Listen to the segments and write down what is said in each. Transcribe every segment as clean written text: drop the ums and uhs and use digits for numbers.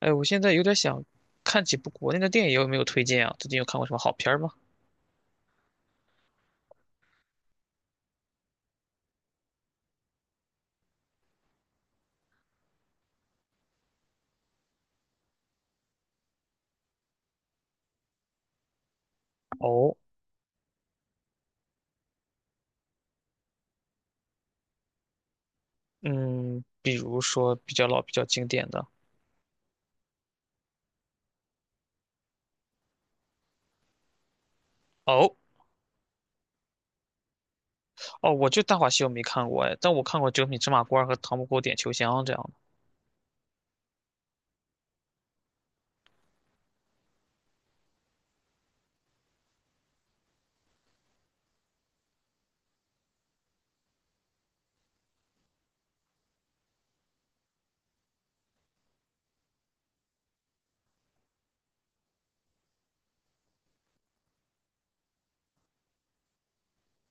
哎，我现在有点想看几部国内的电影，有没有推荐啊？最近有看过什么好片儿吗？哦，嗯，比如说比较老、比较经典的。哦哦，我就《大话西游》没看过哎，但我看过《九品芝麻官》和《唐伯虎点秋香》这样的。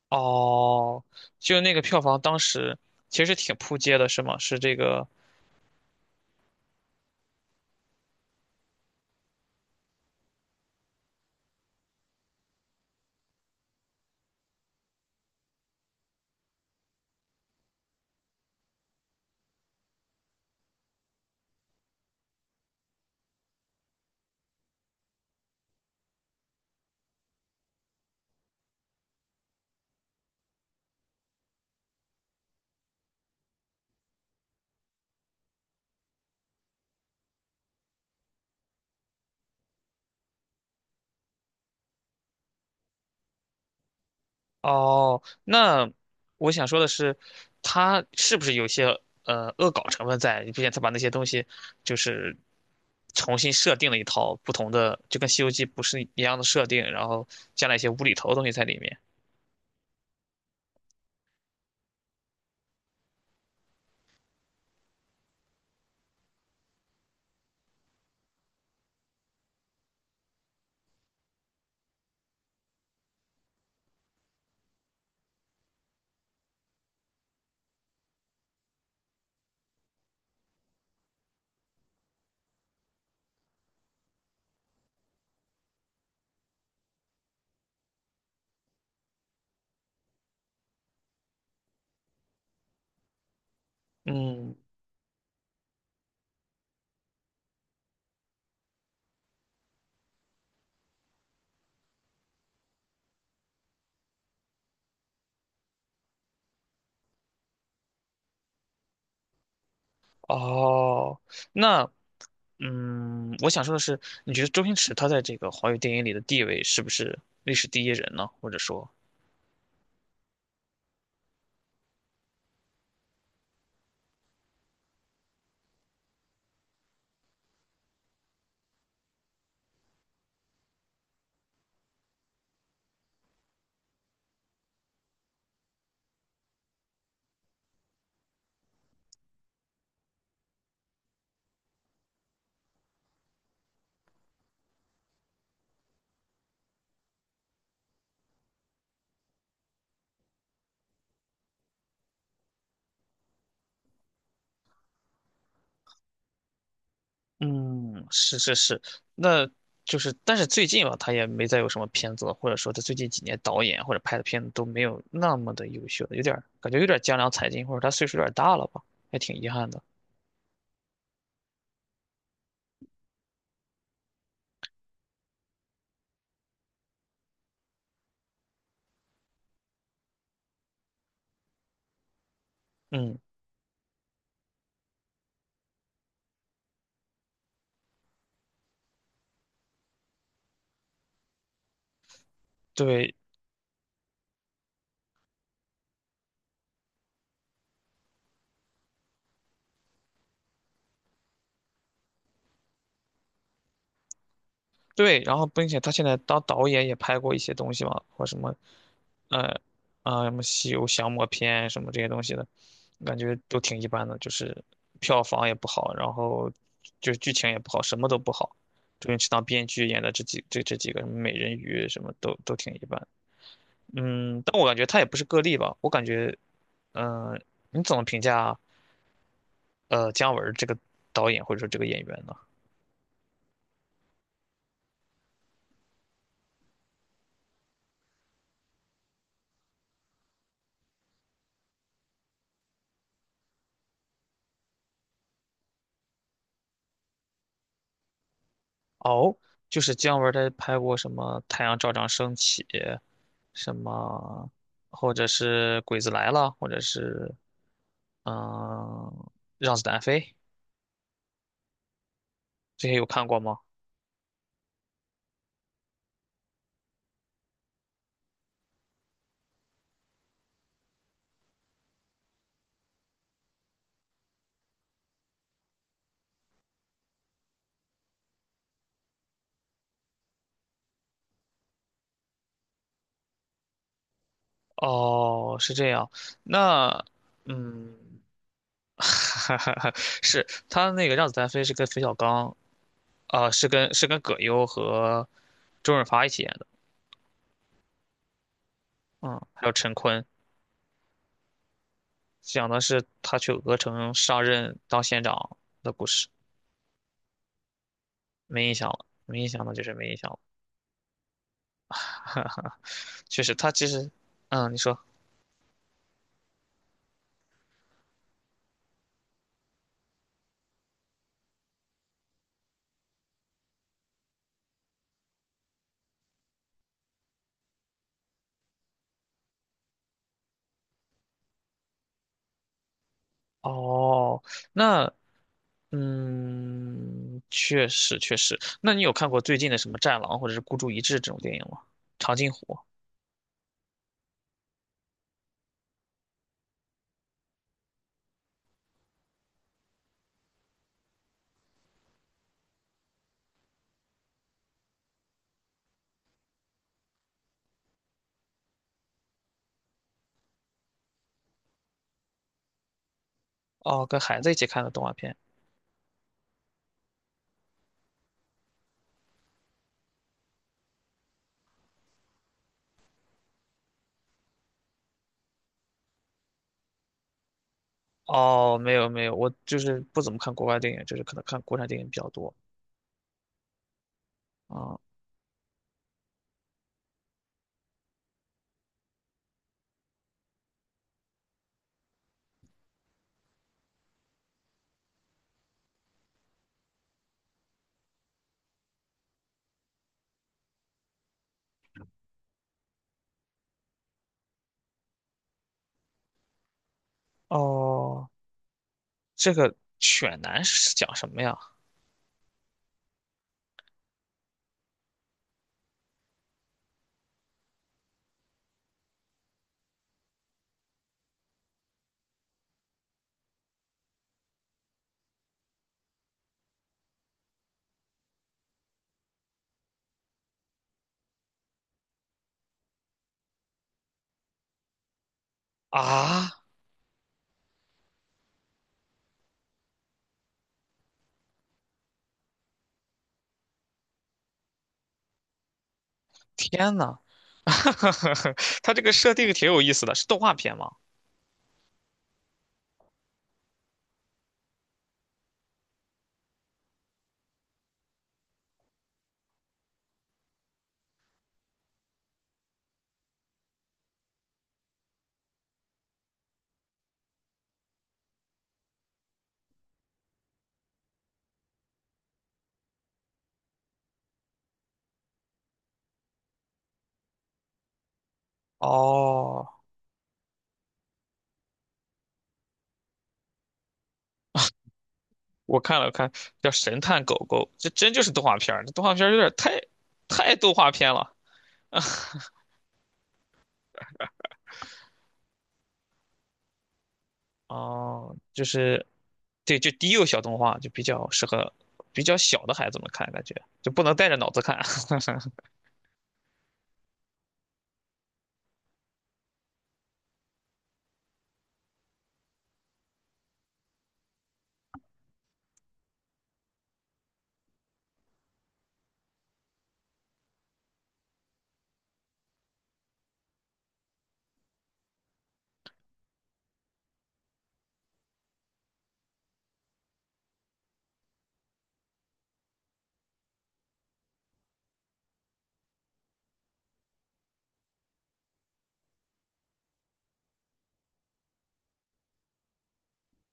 哦，就那个票房当时其实挺扑街的，是吗？是这个哦，那我想说的是，他是不是有些恶搞成分在？你毕竟他把那些东西就是重新设定了一套不同的，就跟《西游记》不是一样的设定，然后加了一些无厘头的东西在里面。嗯，哦，那嗯，我想说的是，你觉得周星驰他在这个华语电影里的地位是不是历史第一人呢？或者说？嗯，是是是，那就是，但是最近吧，他也没再有什么片子了，或者说他最近几年导演或者拍的片子都没有那么的优秀了，有点儿感觉有点儿江郎才尽，或者他岁数有点儿大了吧，还挺遗憾的。嗯，对，对，然后并且他现在当导演也拍过一些东西嘛，或什么，呃，啊、什么《西游降魔篇》什么这些东西的，感觉都挺一般的，就是票房也不好，然后就是剧情也不好，什么都不好。周星驰当编剧演的这几这这几个什么美人鱼什么都都挺一般，嗯，但我感觉他也不是个例吧，我感觉，嗯、你怎么评价姜文儿这个导演或者说这个演员呢？哦，就是姜文儿他拍过什么《太阳照常升起》，什么，或者是《鬼子来了》，或者是嗯，让子弹飞》这些有看过吗？哦，是这样。那嗯，哈哈哈，是他那个《让子弹飞》是跟冯小刚啊、是跟是跟葛优和周润发一起演的，嗯，还有陈坤，讲的是他去鹅城上任当县长的故事。没印象了，没印象了，就是没印象了。确实，他其实，嗯，你说，哦，那，嗯，确实确实。那你有看过最近的什么《战狼》或者是《孤注一掷》这种电影吗？长津湖。哦，跟孩子一起看的动画片。哦，没有没有，我就是不怎么看国外电影，就是可能看国产电影比较多。啊、哦，这个犬男是讲什么呀？啊，天呐，他这个设定挺有意思的，是动画片吗？哦，我看了看，叫《神探狗狗》，这真就是动画片儿，这动画片儿有点太太动画片了。哦，就是，对，就低幼小动画，就比较适合比较小的孩子们看，感觉就不能带着脑子看。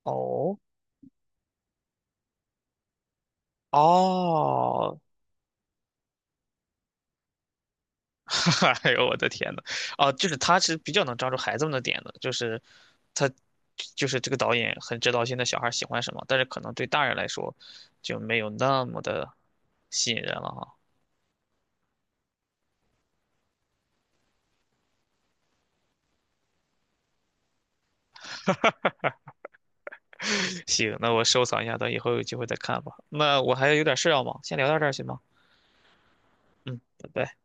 哦，哦，哎呦我的天呐，哦，就是他是比较能抓住孩子们的点的，就是他就是这个导演很知道现在小孩喜欢什么，但是可能对大人来说就没有那么的吸引人了哈。行，那我收藏一下，等以后有机会再看吧。那我还有点事要忙，先聊到这儿行吗？嗯，拜拜。